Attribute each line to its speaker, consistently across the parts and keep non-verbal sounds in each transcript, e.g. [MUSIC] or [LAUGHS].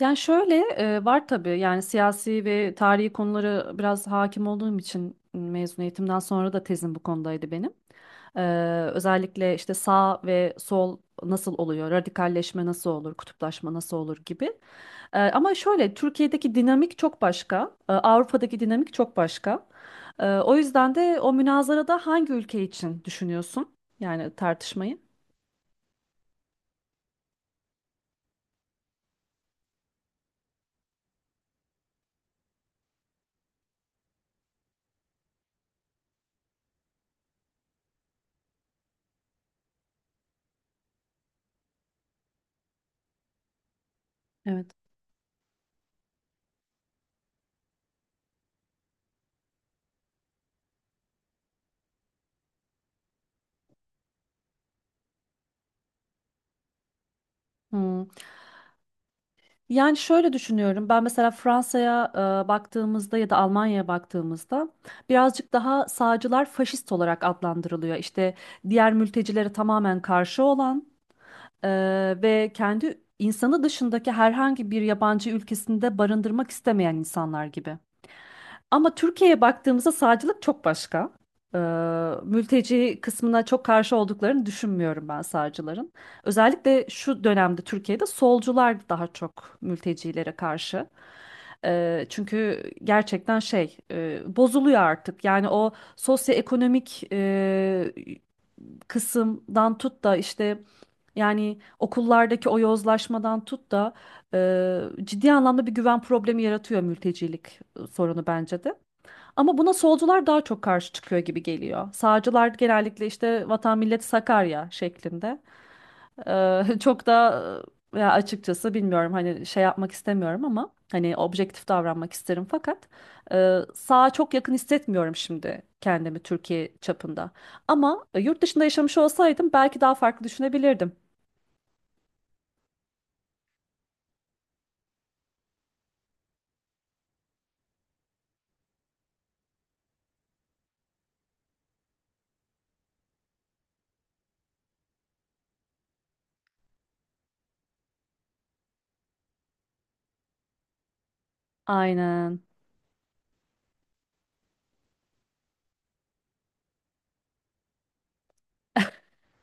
Speaker 1: Yani şöyle var tabii yani siyasi ve tarihi konuları biraz hakim olduğum için mezun eğitimden sonra da tezim bu konudaydı benim. Ee, Özellikle işte sağ ve sol nasıl oluyor, radikalleşme nasıl olur, kutuplaşma nasıl olur gibi. Ama şöyle Türkiye'deki dinamik çok başka, Avrupa'daki dinamik çok başka. O yüzden de o münazarada hangi ülke için düşünüyorsun yani tartışmayı? Evet. Hmm. Yani şöyle düşünüyorum. Ben mesela Fransa'ya baktığımızda ya da Almanya'ya baktığımızda birazcık daha sağcılar faşist olarak adlandırılıyor. İşte diğer mültecilere tamamen karşı olan e, ve kendi insanı dışındaki herhangi bir yabancı ülkesinde barındırmak istemeyen insanlar gibi. Ama Türkiye'ye baktığımızda sağcılık çok başka. Ee, Mülteci kısmına çok karşı olduklarını düşünmüyorum ben sağcıların. Özellikle şu dönemde Türkiye'de solcular daha çok mültecilere karşı. Çünkü gerçekten şey bozuluyor artık. Yani o sosyoekonomik kısımdan tut da işte yani okullardaki o yozlaşmadan tut da ciddi anlamda bir güven problemi yaratıyor mültecilik sorunu bence de. Ama buna solcular daha çok karşı çıkıyor gibi geliyor. Sağcılar genellikle işte vatan millet Sakarya şeklinde. [LAUGHS] Çok da ya açıkçası bilmiyorum hani şey yapmak istemiyorum ama hani objektif davranmak isterim fakat sağa çok yakın hissetmiyorum şimdi kendimi Türkiye çapında. Ama yurt dışında yaşamış olsaydım belki daha farklı düşünebilirdim. Aynen.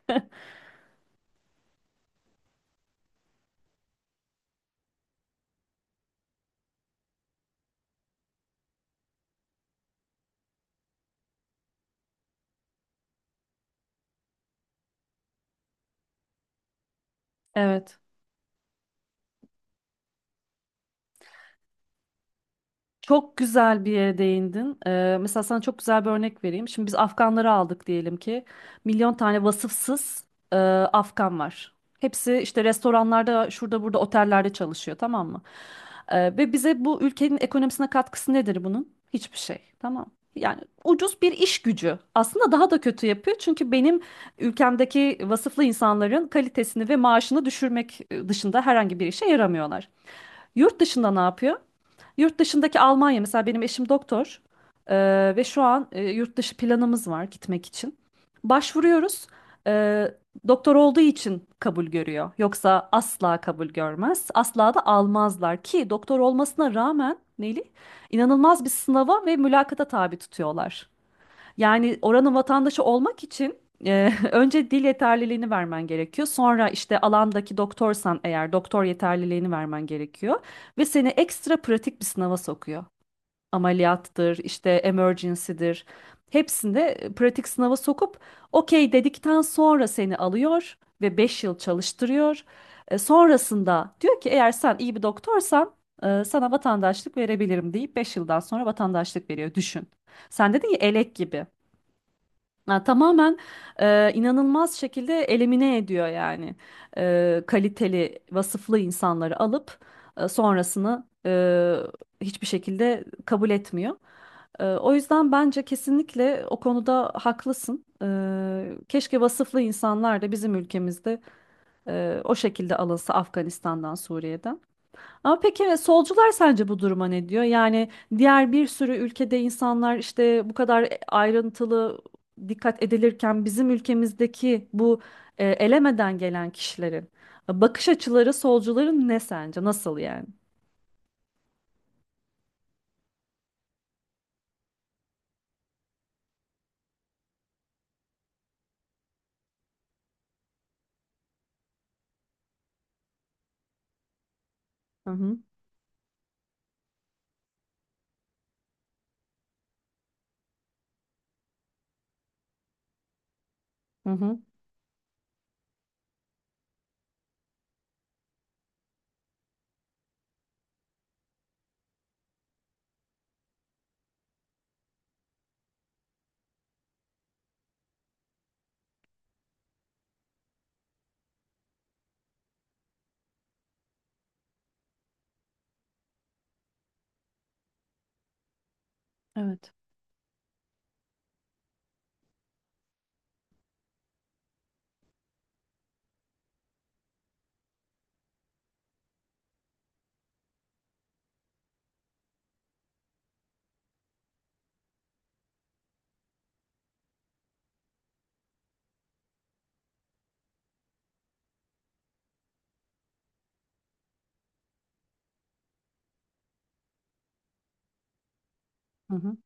Speaker 1: [LAUGHS] Evet. Çok güzel bir yere değindin. Mesela sana çok güzel bir örnek vereyim. Şimdi biz Afganları aldık diyelim ki. Milyon tane vasıfsız e, Afgan var. Hepsi işte restoranlarda, şurada burada otellerde çalışıyor, tamam mı? Ve bize bu ülkenin ekonomisine katkısı nedir bunun? Hiçbir şey, tamam. Yani ucuz bir iş gücü. Aslında daha da kötü yapıyor. Çünkü benim ülkemdeki vasıflı insanların kalitesini ve maaşını düşürmek dışında herhangi bir işe yaramıyorlar. Yurt dışında ne yapıyor? Yurt dışındaki Almanya mesela benim eşim doktor. Ve şu an yurt dışı planımız var gitmek için. Başvuruyoruz. Ee, Doktor olduğu için kabul görüyor. Yoksa asla kabul görmez. Asla da almazlar ki doktor olmasına rağmen Neli inanılmaz bir sınava ve mülakata tabi tutuyorlar. Yani oranın vatandaşı olmak için [LAUGHS] önce dil yeterliliğini vermen gerekiyor. Sonra işte alandaki doktorsan eğer doktor yeterliliğini vermen gerekiyor. Ve seni ekstra pratik bir sınava sokuyor. Ameliyattır, işte emergency'dir. Hepsinde pratik sınava sokup okey dedikten sonra seni alıyor ve 5 yıl çalıştırıyor. Sonrasında diyor ki eğer sen iyi bir doktorsan sana vatandaşlık verebilirim deyip 5 yıldan sonra vatandaşlık veriyor. Düşün. Sen dedin ya elek gibi. Ha, tamamen inanılmaz şekilde elimine ediyor yani. Kaliteli vasıflı insanları alıp sonrasını hiçbir şekilde kabul etmiyor. O yüzden bence kesinlikle o konuda haklısın. Keşke vasıflı insanlar da bizim ülkemizde o şekilde alınsa Afganistan'dan, Suriye'den. Ama peki evet, solcular sence bu duruma ne diyor? Yani diğer bir sürü ülkede insanlar işte bu kadar ayrıntılı dikkat edilirken bizim ülkemizdeki bu elemeden gelen kişilerin bakış açıları solcuların ne sence? Nasıl yani? Hı hı, hı hı, evet. Hı hı,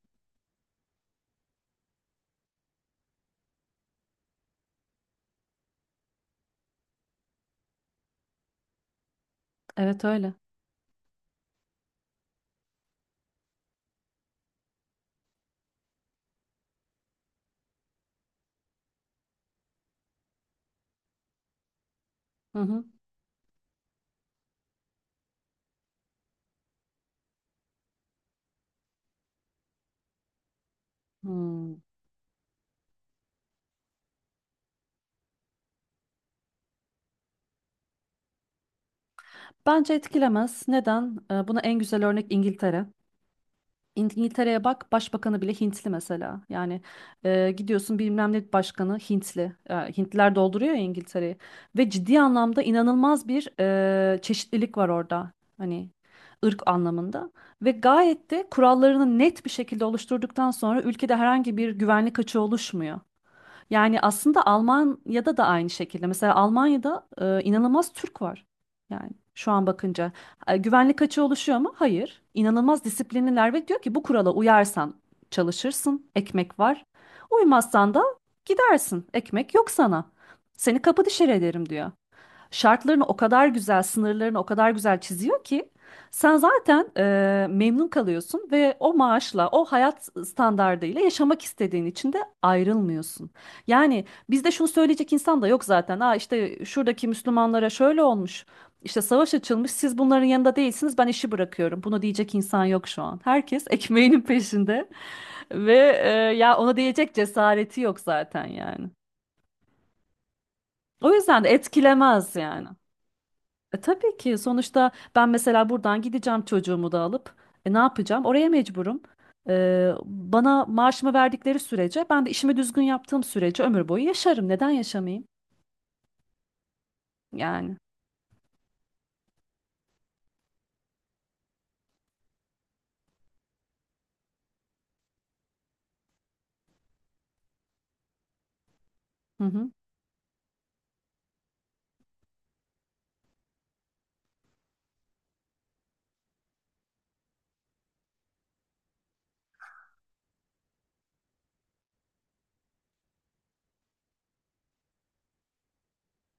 Speaker 1: evet öyle. Hı hı. Hmm. Bence etkilemez. Neden? Buna en güzel örnek İngiltere. İngiltere'ye bak başbakanı bile Hintli mesela. Yani gidiyorsun bilmem ne başkanı Hintli. E, Hintliler dolduruyor ya İngiltere'yi. Ve ciddi anlamda inanılmaz bir çeşitlilik var orada. Hani ırk anlamında. Ve gayet de kurallarını net bir şekilde oluşturduktan sonra ülkede herhangi bir güvenlik açığı oluşmuyor. Yani aslında Almanya'da da aynı şekilde. Mesela Almanya'da inanılmaz Türk var. Yani şu an bakınca, güvenlik açığı oluşuyor mu? Hayır. İnanılmaz disiplinliler ve diyor ki bu kurala uyarsan çalışırsın, ekmek var. Uymazsan da gidersin, ekmek yok sana. Seni kapı dışarı ederim diyor, şartlarını o kadar güzel, sınırlarını o kadar güzel çiziyor ki sen zaten memnun kalıyorsun ve o maaşla, o hayat standardıyla yaşamak istediğin için de ayrılmıyorsun. Yani bizde şunu söyleyecek insan da yok zaten. Aa işte şuradaki Müslümanlara şöyle olmuş. İşte savaş açılmış, siz bunların yanında değilsiniz, ben işi bırakıyorum. Bunu diyecek insan yok şu an. Herkes ekmeğinin peşinde [LAUGHS] ve e, ya ona diyecek cesareti yok zaten yani. O yüzden de etkilemez yani. Tabii ki sonuçta ben mesela buradan gideceğim çocuğumu da alıp ne yapacağım? Oraya mecburum. Bana maaşımı verdikleri sürece ben de işimi düzgün yaptığım sürece ömür boyu yaşarım. Neden yaşamayayım? Yani. Hı hı.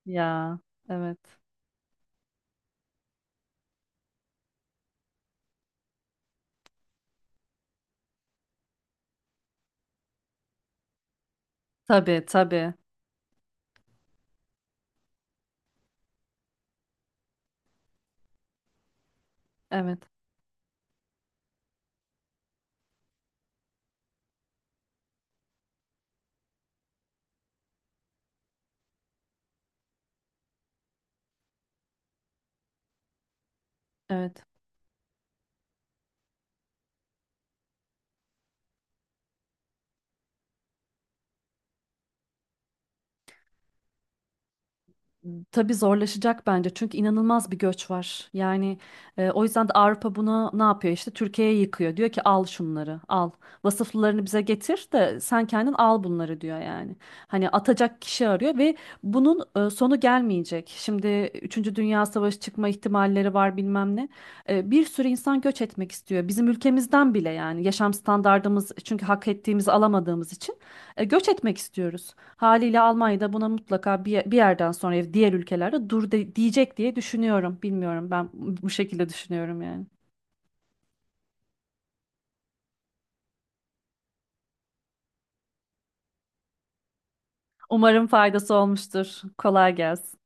Speaker 1: Ya evet. Tabii tabii. Evet. Evet. Tabii zorlaşacak bence çünkü inanılmaz bir göç var. Yani o yüzden de Avrupa buna ne yapıyor işte Türkiye'ye yıkıyor. Diyor ki al şunları, al vasıflarını bize getir de sen kendin al bunları diyor yani. Hani atacak kişi arıyor ve bunun sonu gelmeyecek. Şimdi üçüncü Dünya Savaşı çıkma ihtimalleri var bilmem ne. Bir sürü insan göç etmek istiyor bizim ülkemizden bile yani yaşam standardımız çünkü hak ettiğimizi alamadığımız için göç etmek istiyoruz. Haliyle Almanya'da buna mutlaka bir yerden sonra diğer ülkelerde diyecek diye düşünüyorum. Bilmiyorum ben bu şekilde düşünüyorum yani. Umarım faydası olmuştur. Kolay gelsin.